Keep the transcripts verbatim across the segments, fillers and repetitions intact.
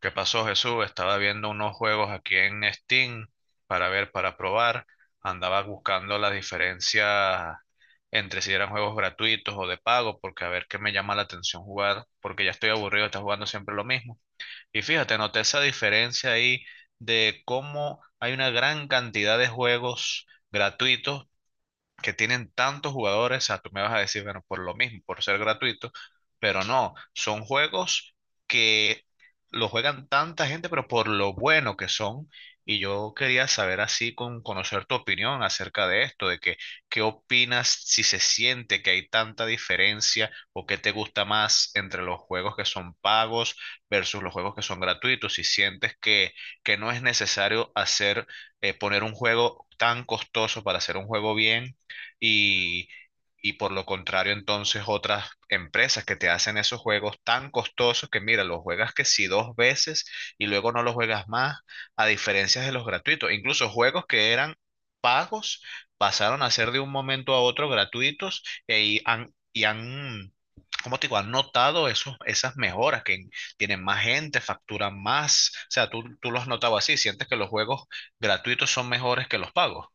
¿Qué pasó, Jesús? Estaba viendo unos juegos aquí en Steam para ver, para probar. Andaba buscando las diferencias entre si eran juegos gratuitos o de pago, porque a ver qué me llama la atención jugar, porque ya estoy aburrido de estar jugando siempre lo mismo. Y fíjate, noté esa diferencia ahí de cómo hay una gran cantidad de juegos gratuitos que tienen tantos jugadores, o sea, tú me vas a decir, bueno, por lo mismo, por ser gratuito, pero no, son juegos que lo juegan tanta gente, pero por lo bueno que son. Y yo quería saber así, con conocer tu opinión acerca de esto, de que, qué opinas si se siente que hay tanta diferencia o qué te gusta más entre los juegos que son pagos versus los juegos que son gratuitos, si sientes que, que no es necesario hacer, eh, poner un juego tan costoso para hacer un juego bien y, y por lo contrario, entonces otras empresas que te hacen esos juegos tan costosos que mira, los juegas que si dos veces y luego no los juegas más, a diferencia de los gratuitos. Incluso juegos que eran pagos pasaron a ser de un momento a otro gratuitos e- y han, y han, ¿cómo te digo? Han notado esos, esas mejoras que tienen más gente, facturan más. O sea, tú, tú lo has notado así, sientes que los juegos gratuitos son mejores que los pagos.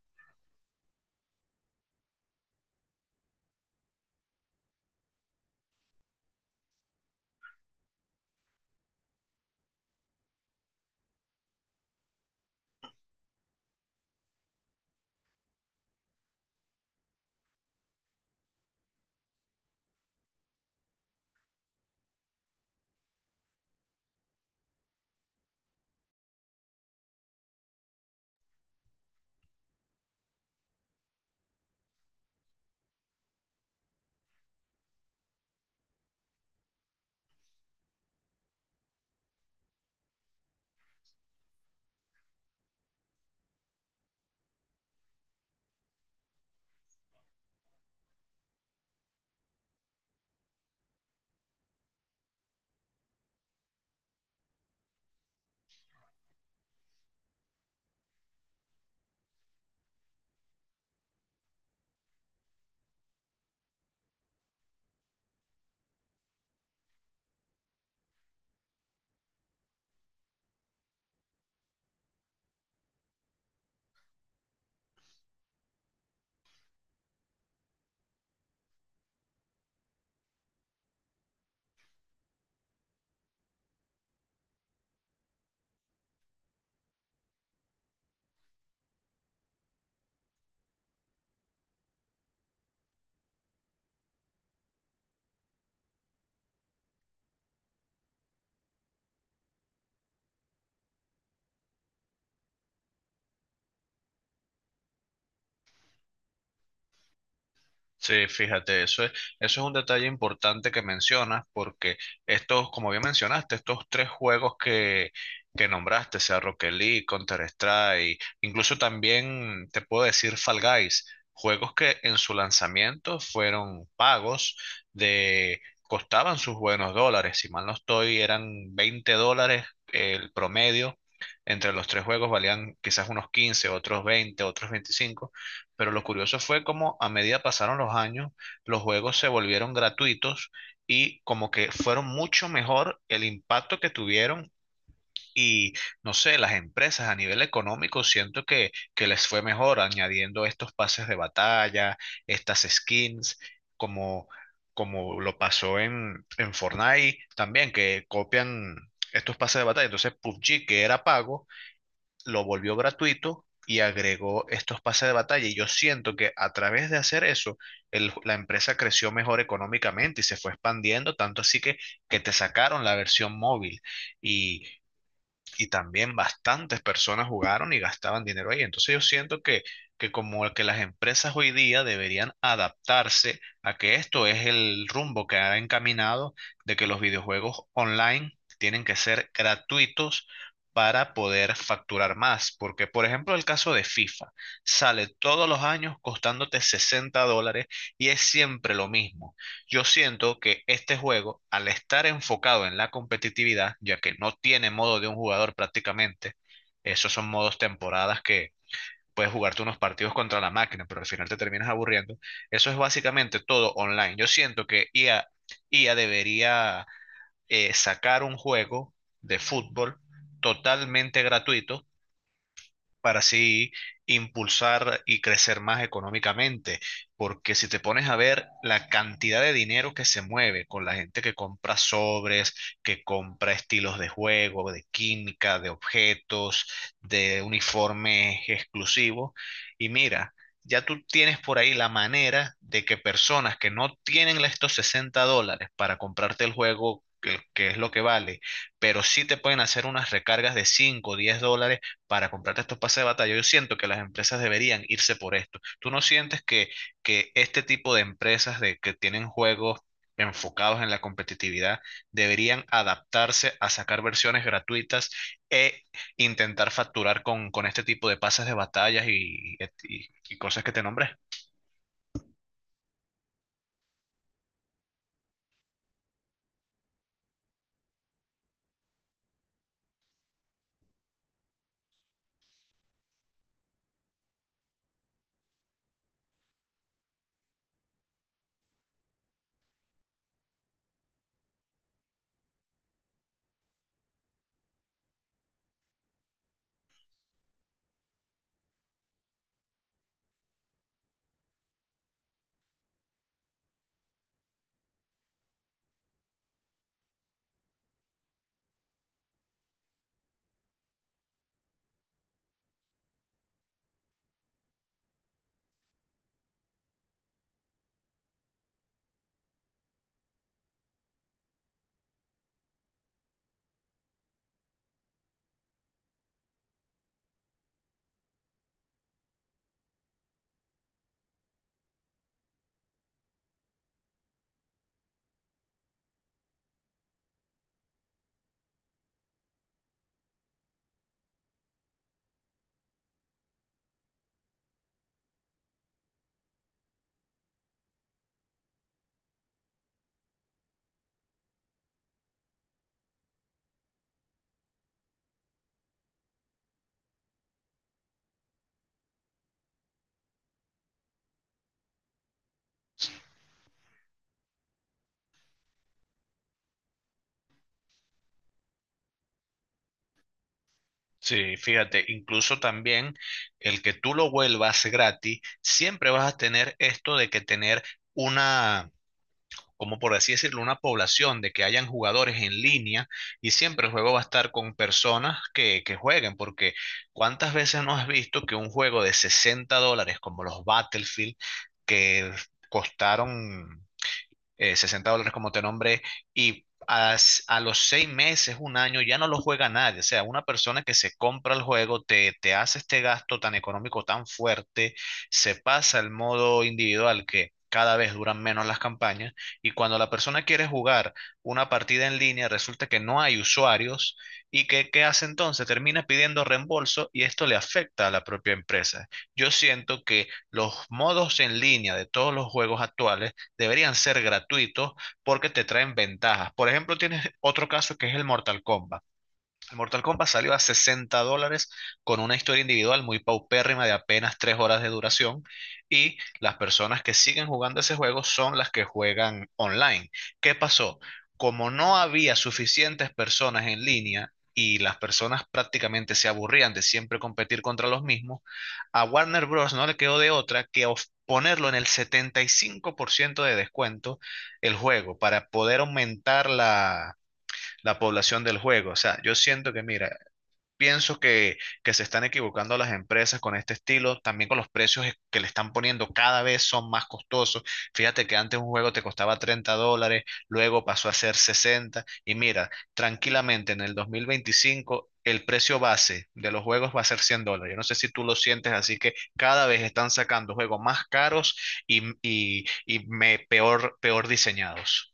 Sí, fíjate, eso es, eso es un detalle importante que mencionas, porque estos, como bien mencionaste, estos tres juegos que, que nombraste, sea Rocket League, Counter-Strike, incluso también te puedo decir Fall Guys, juegos que en su lanzamiento fueron pagos de, costaban sus buenos dólares, si mal no estoy, eran veinte dólares el promedio, entre los tres juegos valían quizás unos quince, otros veinte, otros veinticinco. Pero lo curioso fue como a medida pasaron los años, los juegos se volvieron gratuitos y como que fueron mucho mejor el impacto que tuvieron y no sé, las empresas a nivel económico siento que, que les fue mejor añadiendo estos pases de batalla, estas skins, como, como lo pasó en, en Fortnite también, que copian estos pases de batalla. Entonces P U B G, que era pago, lo volvió gratuito y agregó estos pases de batalla. Y yo siento que a través de hacer eso, el- la empresa creció mejor económicamente y se fue expandiendo, tanto así que, que te sacaron la versión móvil. Y y también bastantes personas jugaron y gastaban dinero ahí. Entonces yo siento que, que como que las empresas hoy día deberían adaptarse a que esto es el rumbo que ha encaminado de que los videojuegos online tienen que ser gratuitos para poder facturar más. Porque, por ejemplo, el caso de FIFA sale todos los años costándote sesenta dólares y es siempre lo mismo. Yo siento que este juego, al estar enfocado en la competitividad, ya que no tiene modo de un jugador prácticamente, esos son modos temporadas que puedes jugarte unos partidos contra la máquina, pero al final te terminas aburriendo. Eso es básicamente todo online. Yo siento que I A, I A debería eh, sacar un juego de fútbol totalmente gratuito para así impulsar y crecer más económicamente. Porque si te pones a ver la cantidad de dinero que se mueve con la gente que compra sobres, que compra estilos de juego, de química, de objetos, de uniformes exclusivos, y mira, ya tú tienes por ahí la manera de que personas que no tienen la- estos sesenta dólares para comprarte el juego, que, que es lo que vale, pero sí te pueden hacer unas recargas de cinco, o diez dólares para comprarte estos pases de batalla. Yo siento que las empresas deberían irse por esto. ¿Tú no sientes que, que este tipo de empresas de, que tienen juegos enfocados en la competitividad deberían adaptarse a sacar versiones gratuitas e intentar facturar con, con este tipo de pases de batallas y, y- y cosas que te nombré? Sí, fíjate, incluso también el que tú lo vuelvas gratis, siempre vas a tener esto de que tener como por así decirlo, una población de que hayan jugadores en línea y siempre el juego va a estar con personas que, que jueguen, porque ¿cuántas veces no has visto que un juego de sesenta dólares como los Battlefield, que costaron eh, sesenta dólares como te nombré, y a, a, los seis meses, un año, ya no lo juega nadie. O sea, una persona que se compra el juego, te, te hace este gasto tan económico, tan fuerte, se pasa al modo individual que cada vez duran menos las campañas y cuando la persona quiere jugar una partida en línea resulta que no hay usuarios y que qué hace entonces termina pidiendo reembolso y esto le afecta a la propia empresa. Yo siento que los modos en línea de todos los juegos actuales deberían ser gratuitos porque te traen ventajas. Por ejemplo, tienes otro caso que es el Mortal Kombat. Mortal Kombat salió a sesenta dólares con una historia individual muy paupérrima de apenas tres horas de duración y las personas que siguen jugando ese juego son las que juegan online. ¿Qué pasó? Como no había suficientes personas en línea y las personas prácticamente se aburrían de siempre competir contra los mismos, a Warner Bros. No le quedó de otra que of- ponerlo en el setenta y cinco por ciento de descuento el juego para poder aumentar la la población del juego. O sea, yo siento que, mira, pienso que, que se están equivocando las empresas con este estilo, también con los precios es- que le están poniendo cada vez son más costosos. Fíjate que antes un juego te costaba treinta dólares, luego pasó a ser sesenta, y mira, tranquilamente en el dos mil veinticinco el precio base de los juegos va a ser cien dólares. Yo no sé si tú lo sientes, así que cada vez están sacando juegos más caros y, y, y me, peor, peor diseñados.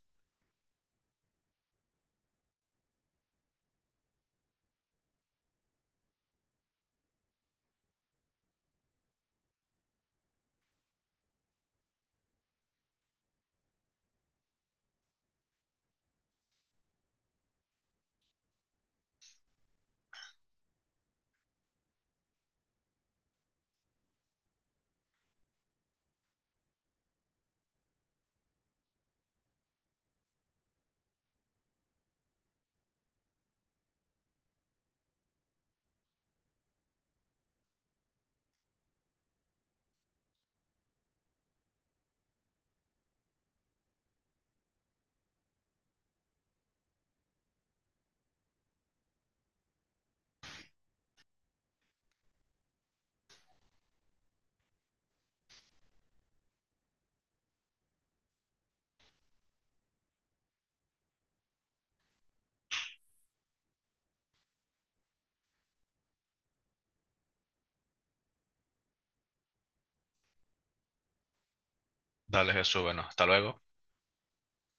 Dale, Jesús, bueno, hasta luego.